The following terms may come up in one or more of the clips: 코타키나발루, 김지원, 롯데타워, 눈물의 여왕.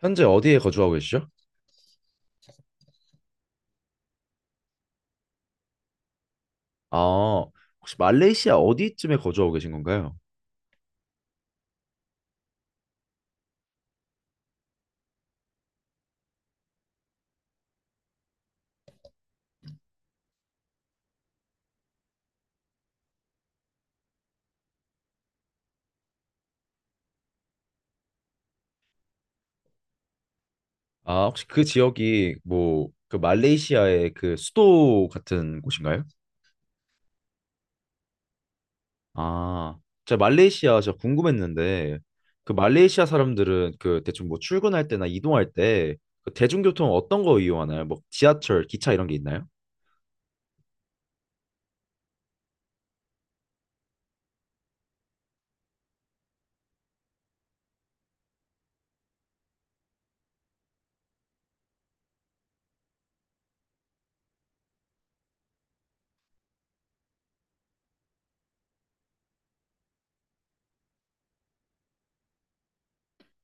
현재 어디에 거주하고 계시죠? 아, 혹시 말레이시아 어디쯤에 거주하고 계신 건가요? 아, 혹시 그 지역이 뭐 그 말레이시아의 그 수도 같은 곳인가요? 아, 제가 말레이시아 제가 궁금했는데 그 말레이시아 사람들은 그 대충 뭐 출근할 때나 이동할 때그 대중교통 어떤 거 이용하나요? 뭐 지하철, 기차 이런 게 있나요?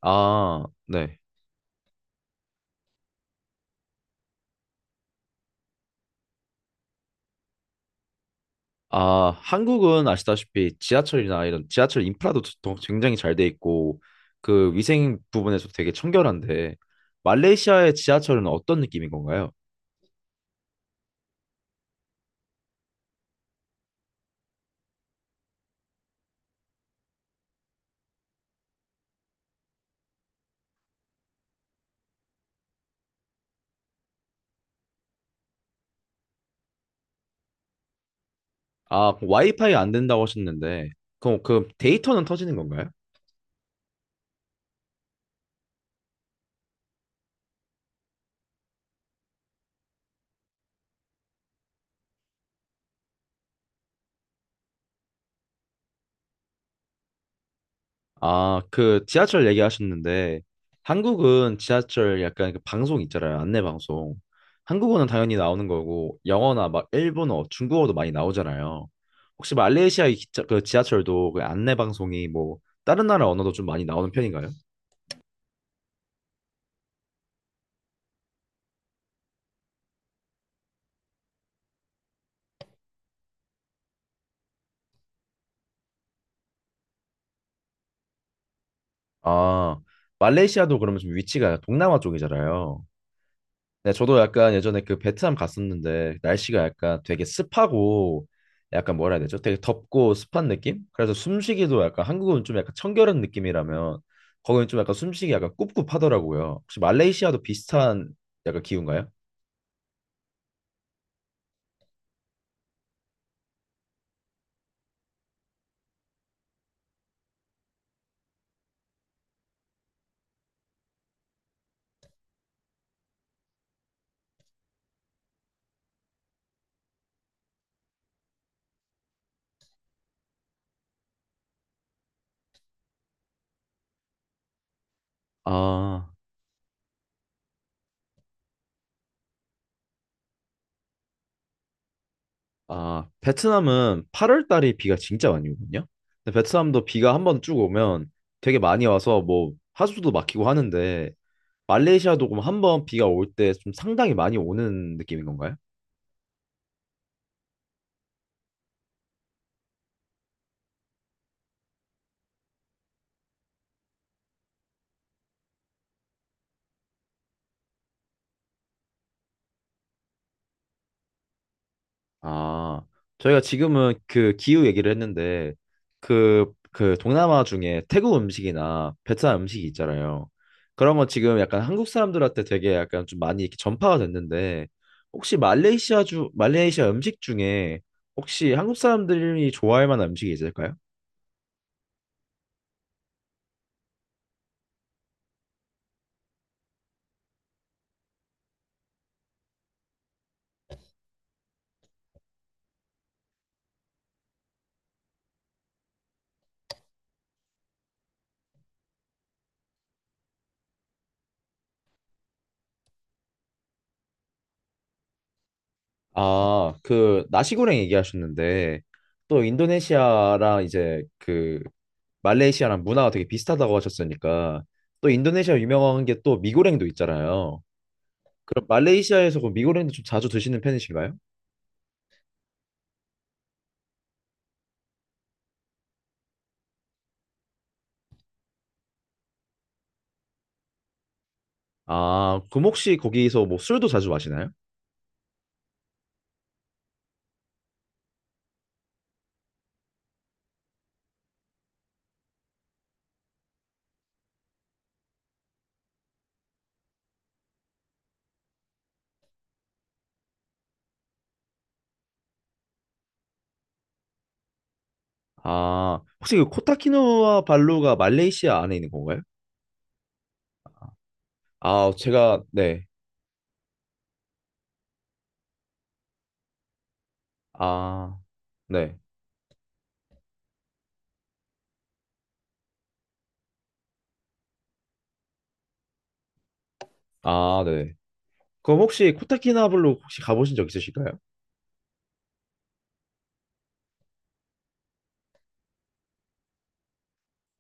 아, 네. 아, 한국은 아시다시피 지하철이나 이런 지하철 인프라도 굉장히 잘 돼 있고 그 위생 부분에서 되게 청결한데 말레이시아의 지하철은 어떤 느낌인 건가요? 아, 그 와이파이 안 된다고 하셨는데 그럼 그 데이터는 터지는 건가요? 아, 그 지하철 얘기하셨는데 한국은 지하철 약간 그 방송 있잖아요. 안내 방송. 한국어는 당연히 나오는 거고 영어나 막 일본어, 중국어도 많이 나오잖아요. 혹시 말레이시아 의 기차, 그 지하철도 그 안내 방송이 뭐 다른 나라 언어도 좀 많이 나오는 편인가요? 아, 말레이시아도 그러면 좀 위치가 동남아 쪽이잖아요. 네, 저도 약간 예전에 그 베트남 갔었는데 날씨가 약간 되게 습하고 약간 뭐라 해야 되죠? 되게 덥고 습한 느낌? 그래서 숨쉬기도 약간 한국은 좀 약간 청결한 느낌이라면 거기는 좀 약간 숨쉬기 약간 꿉꿉하더라고요. 혹시 말레이시아도 비슷한 약간 기운가요? 아, 아, 베트남은 8월 달에 비가 진짜 많이 오거든요. 근데 베트남도 비가 한번 쭉 오면 되게 많이 와서 뭐 하수도 막히고 하는데 말레이시아도 그럼 한번 비가 올 때 좀 상당히 많이 오는 느낌인 건가요? 아, 저희가 지금은 그 기후 얘기를 했는데 그 동남아 중에 태국 음식이나 베트남 음식이 있잖아요. 그런 건 지금 약간 한국 사람들한테 되게 약간 좀 많이 이렇게 전파가 됐는데 혹시 말레이시아 주 말레이시아 음식 중에 혹시 한국 사람들이 좋아할 만한 음식이 있을까요? 아, 그 나시고랭 얘기하셨는데 또 인도네시아랑 이제 그 말레이시아랑 문화가 되게 비슷하다고 하셨으니까 또 인도네시아 유명한 게 또 미고랭도 있잖아요. 그럼 말레이시아에서 그 미고랭도 좀 자주 드시는 편이신가요? 아, 그럼 혹시 거기서 뭐 술도 자주 마시나요? 아, 혹시 그 코타키누아 발루가 말레이시아 안에 있는 건가요? 아, 제가 네. 아, 네. 아, 네. 그럼 혹시 코타키나발루 혹시 가보신 적 있으실까요?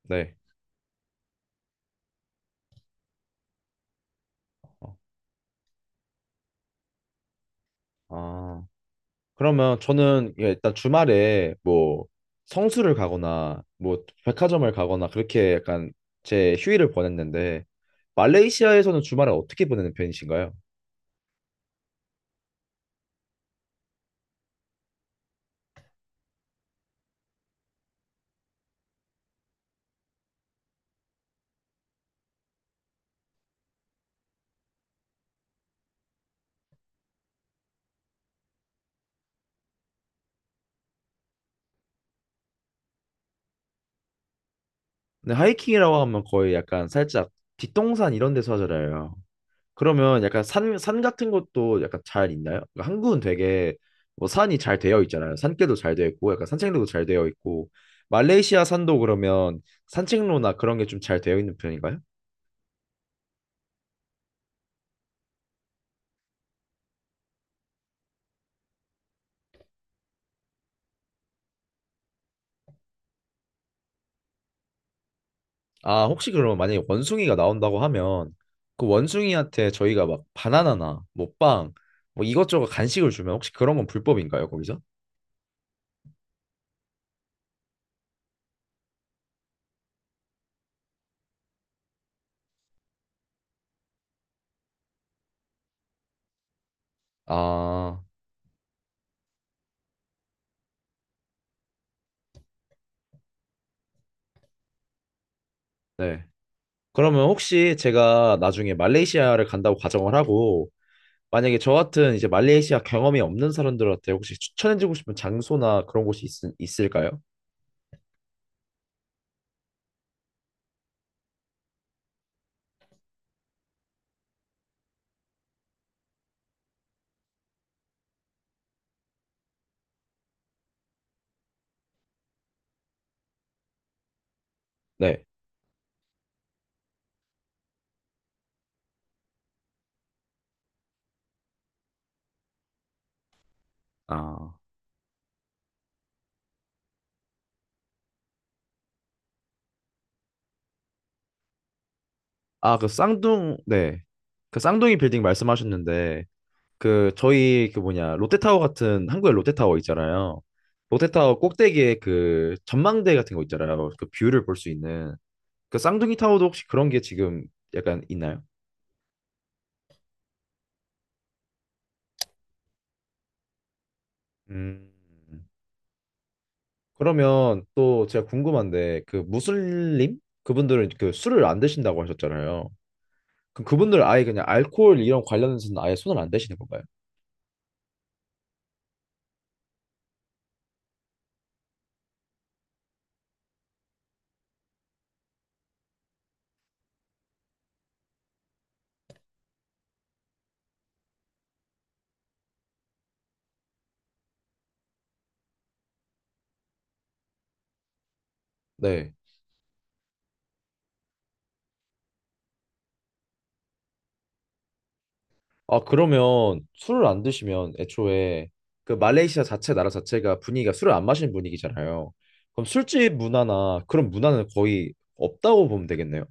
네. 어, 아. 그러면 저는 예, 일단 주말에 뭐 성수를 가거나 뭐 백화점을 가거나 그렇게 약간 제 휴일을 보냈는데 말레이시아에서는 주말에 어떻게 보내는 편이신가요? 근데 하이킹이라고 하면 거의 약간 살짝 뒷동산 이런 데서 하잖아요. 그러면 약간 산, 산 같은 것도 약간 잘 있나요? 그러니까 한국은 되게 뭐 산이 잘 되어 있잖아요. 산길도 잘 되어 있고 약간 산책로도 잘 되어 있고 말레이시아 산도 그러면 산책로나 그런 게 좀 잘 되어 있는 편인가요? 아, 혹시 그러면 만약에 원숭이가 나온다고 하면 그 원숭이한테 저희가 막 바나나나 뭐 빵, 뭐 이것저것 간식을 주면 혹시 그런 건 불법인가요, 거기서? 아, 네. 그러면 혹시 제가 나중에 말레이시아를 간다고 가정을 하고 만약에 저 같은 이제 말레이시아 경험이 없는 사람들한테 혹시 추천해주고 싶은 장소나 그런 곳이 있, 을까요 네. 아, 아, 그 쌍둥, 네. 그 쌍둥이 빌딩 말씀하셨는데 그 저희 그 뭐냐 롯데타워 같은 한국에 롯데타워 있잖아요. 롯데타워 꼭대기에 그 전망대 같은 거 있잖아요. 그 뷰를 볼 수 있는 그 쌍둥이 타워도 혹시 그런 게 지금 약간 있나요? 음. 그러면 또 제가 궁금한데 그 무슬림 그분들은 그 술을 안 드신다고 하셨잖아요. 그분들 아예 그냥 알코올 이런 관련해서는 아예 손을 안 대시는 건가요? 네. 아, 그러면 술을 안 드시면 애초에 그 말레이시아 자체 나라 자체가 분위기가 술을 안 마시는 분위기잖아요. 그럼 술집 문화나 그런 문화는 거의 없다고 보면 되겠네요.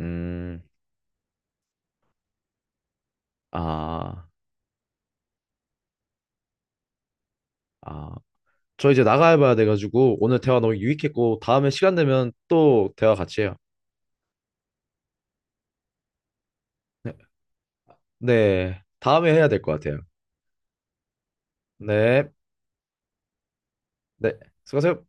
음, 아, 아. 저 이제 나가야 봐야 돼가지고 오늘 대화 너무 유익했고 다음에 시간 되면 또 대화 같이 해요. 네, 네. 다음에 해야 될 것 같아요. 네, 네. 수고하세요.